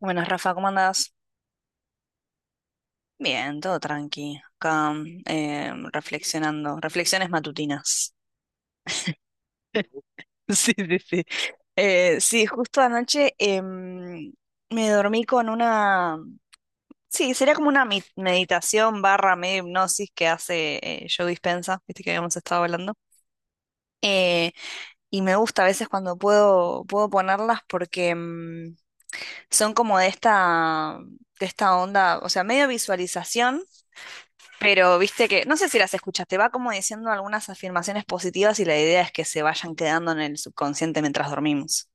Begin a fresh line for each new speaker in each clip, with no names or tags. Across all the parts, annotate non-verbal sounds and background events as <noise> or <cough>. Buenas, Rafa, ¿cómo andás? Bien, todo tranqui. Acá reflexionando, reflexiones matutinas. <laughs> Sí, sí, sí. Sí, justo anoche me dormí con una... Sí, sería como una meditación barra medio hipnosis que hace Joe Dispenza, viste que habíamos estado hablando. Eh, y me gusta a veces cuando puedo ponerlas porque son como de esta onda, o sea, medio visualización. Pero viste que, no sé si las escuchaste, va como diciendo algunas afirmaciones positivas y la idea es que se vayan quedando en el subconsciente mientras dormimos.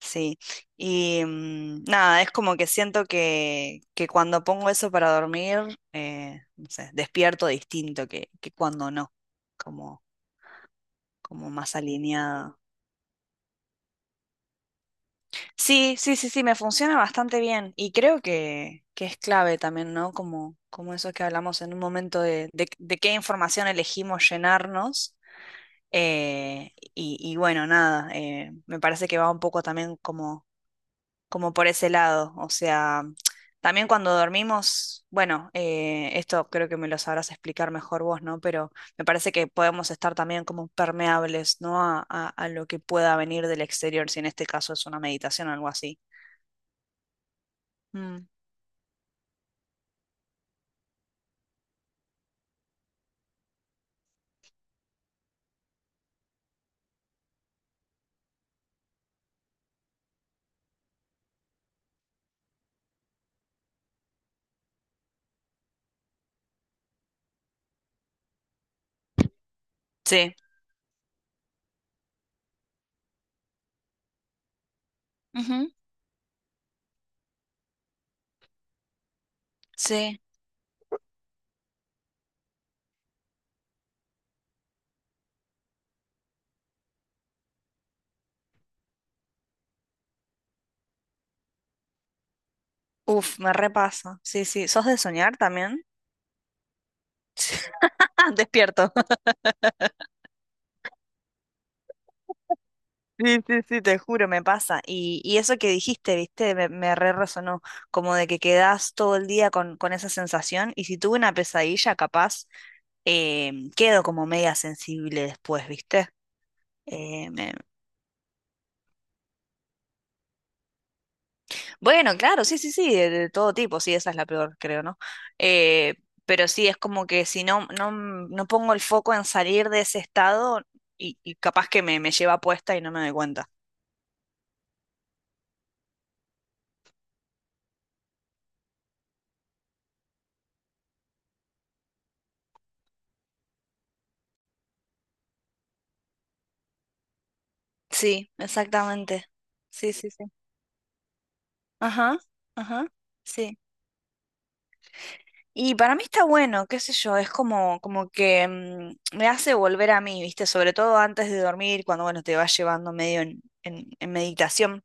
Sí. Y nada, es como que siento que cuando pongo eso para dormir, no sé, despierto distinto que cuando no, como, como más alineado. Sí, sí, sí, sí, me funciona bastante bien y creo que es clave también, ¿no? Como, como eso que hablamos en un momento de qué información elegimos llenarnos. Y bueno, nada, me parece que va un poco también como, como por ese lado. O sea, también cuando dormimos, bueno, esto creo que me lo sabrás explicar mejor vos, ¿no? Pero me parece que podemos estar también como permeables, ¿no? A lo que pueda venir del exterior, si en este caso es una meditación o algo así. Mm. Sí. Ujú. Sí. Uf, me repasa. Sí, sí. ¿Sos de soñar también? <laughs> Ah, despierto. Sí, sí, sí, te juro, me pasa. Y eso que dijiste, viste, me re resonó, como de que quedás todo el día con esa sensación y si tuve una pesadilla, capaz, quedo como media sensible después, viste. Eh, me- Bueno, claro, sí, sí, sí, de todo tipo, sí, esa es la peor, creo, ¿no? Eh, pero sí, es como que si no, no, no pongo el foco en salir de ese estado y capaz que me lleva puesta y no me doy cuenta. Sí, exactamente. Sí, sí, sí. Ajá, ajá, sí. Y para mí está bueno, qué sé yo, es como, como que me hace volver a mí, ¿viste? Sobre todo antes de dormir, cuando, bueno, te vas llevando medio en meditación.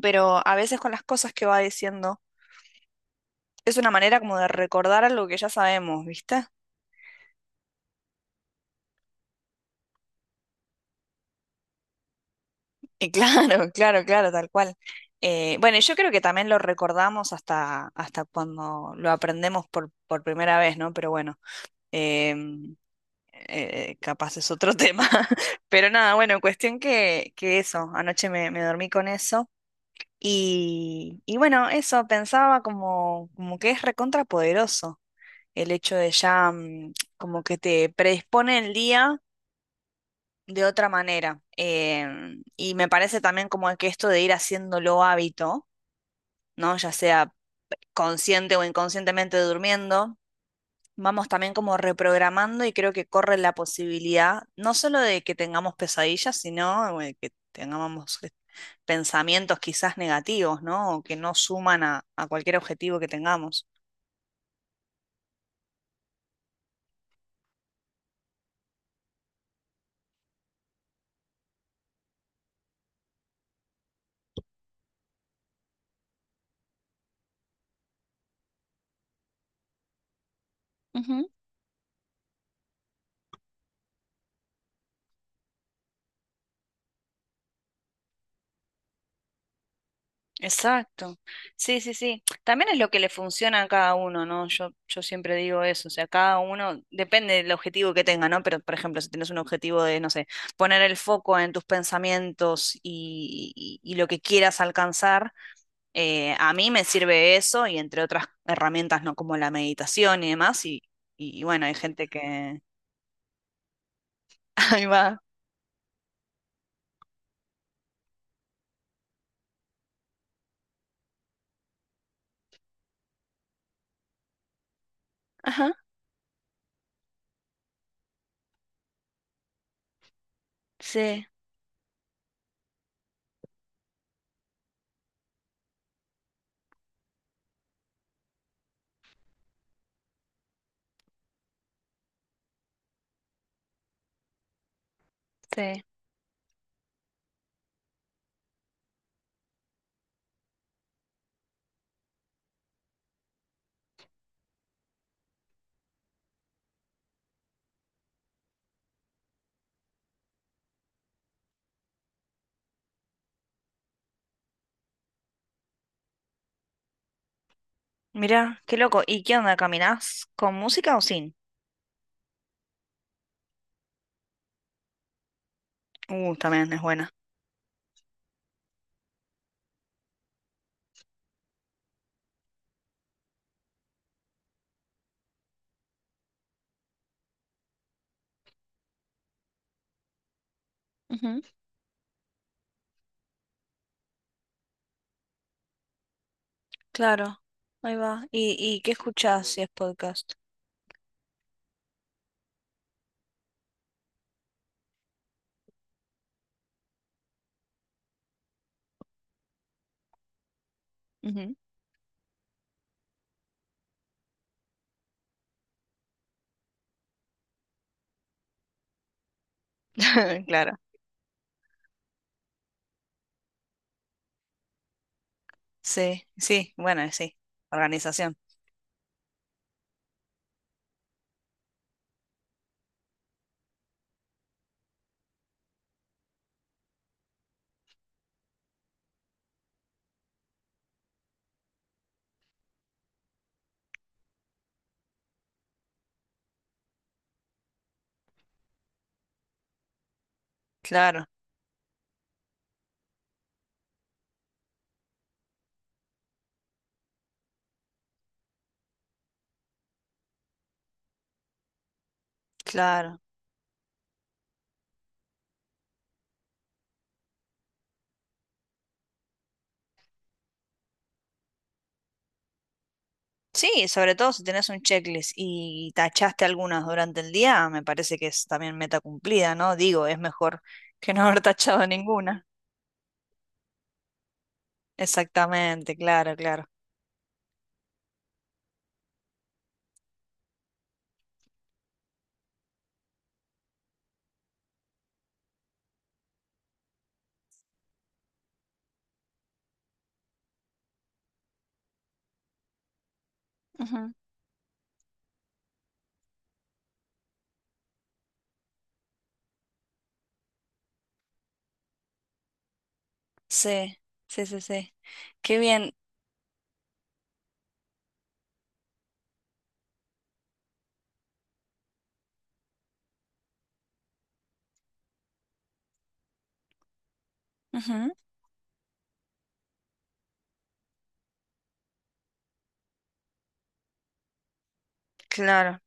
Pero a veces con las cosas que va diciendo, es una manera como de recordar algo que ya sabemos, ¿viste? Y claro, <laughs> claro, claro, tal cual. Bueno, y yo creo que también lo recordamos hasta, hasta cuando lo aprendemos por primera vez, ¿no? Pero bueno. em, Capaz es otro tema. <laughs> Pero nada, bueno, cuestión que eso, anoche me dormí con eso. Y bueno, eso, pensaba como, como que es recontrapoderoso el hecho de ya como que te predispone el día de otra manera. Y me parece también como que esto de ir haciéndolo hábito, ¿no? Ya sea consciente o inconscientemente durmiendo. Vamos también como reprogramando y creo que corre la posibilidad no solo de que tengamos pesadillas, sino que tengamos pensamientos quizás negativos, ¿no? O que no suman a cualquier objetivo que tengamos. Ujú. Exacto. Sí, sí, sí. También es lo que le funciona a cada uno, ¿no? Yo siempre digo eso, o sea, cada uno, depende del objetivo que tenga, ¿no? Pero, por ejemplo, si tienes un objetivo de, no sé, poner el foco en tus pensamientos y lo que quieras alcanzar. A mí me sirve eso y entre otras herramientas, ¿no? Como la meditación y demás. Y bueno, hay gente que... <laughs> Ahí va. Ajá, sí, sí. Mira, qué loco. ¿Y qué onda? ¿Caminás con música o sin? También es buena. Ujú, claro, ahí va. ¿Y ¿qué escuchás si es podcast? Ujú. <laughs> Claro. Sí, sí, bueno, sí. Organización. Claro, claro. Sí, sobre todo si tenés un checklist y tachaste algunas durante el día, me parece que es también meta cumplida, ¿no? Digo, es mejor que no <laughs> haber tachado ninguna. Exactamente, claro, claro. Ujú. Sí, sí, sí, sí. Qué bien. Ujú. Claro.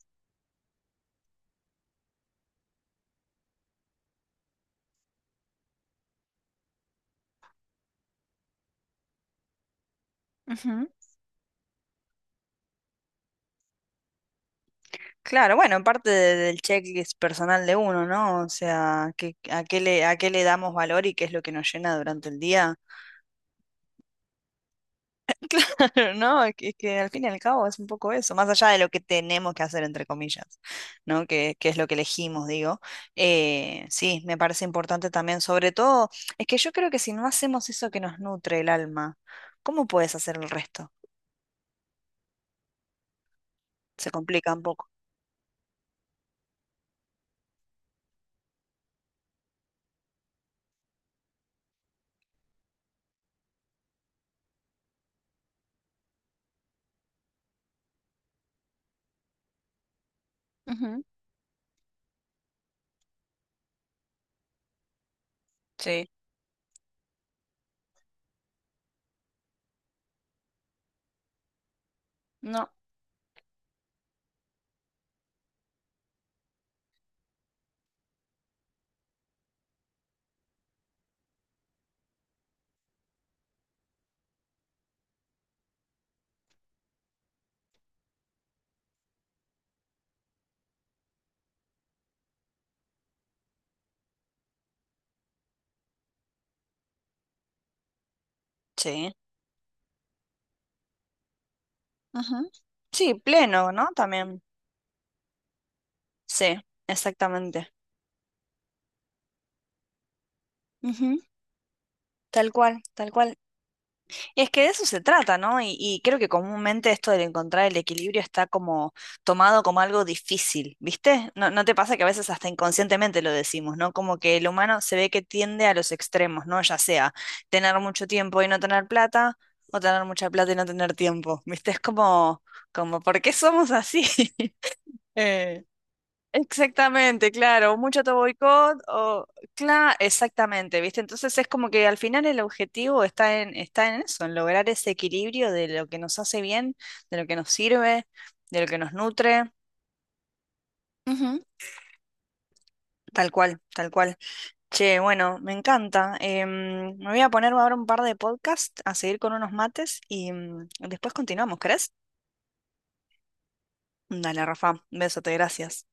Ujú. Claro, bueno, parte del checklist personal de uno, ¿no? O sea, que, a qué le damos valor y qué es lo que nos llena durante el día. Pero no, es que al fin y al cabo es un poco eso, más allá de lo que tenemos que hacer, entre comillas, ¿no? Que es lo que elegimos, digo. Sí, me parece importante también, sobre todo, es que yo creo que si no hacemos eso que nos nutre el alma, ¿cómo puedes hacer el resto? Se complica un poco. Ujú. Sí, no. Sí. Ujú. Sí, pleno, ¿no? También. Sí, exactamente. Ujú. Tal cual, tal cual. Es que de eso se trata, ¿no? Y creo que comúnmente esto del encontrar el equilibrio está como tomado como algo difícil, ¿viste? ¿No, no te pasa que a veces hasta inconscientemente lo decimos, ¿no? Como que el humano se ve que tiende a los extremos, ¿no? Ya sea tener mucho tiempo y no tener plata, o tener mucha plata y no tener tiempo, ¿viste? Es como, como, ¿por qué somos así? <laughs> Eh, Exactamente, claro, mucho autoboicot o claro, exactamente, ¿viste? Entonces es como que al final el objetivo está en eso, en lograr ese equilibrio de lo que nos hace bien, de lo que nos sirve, de lo que nos nutre. Ujú. Tal cual, tal cual. Che, bueno, me encanta. Me voy a poner ahora un par de podcasts a seguir con unos mates y después continuamos, ¿crees? Dale, Rafa, besote, gracias.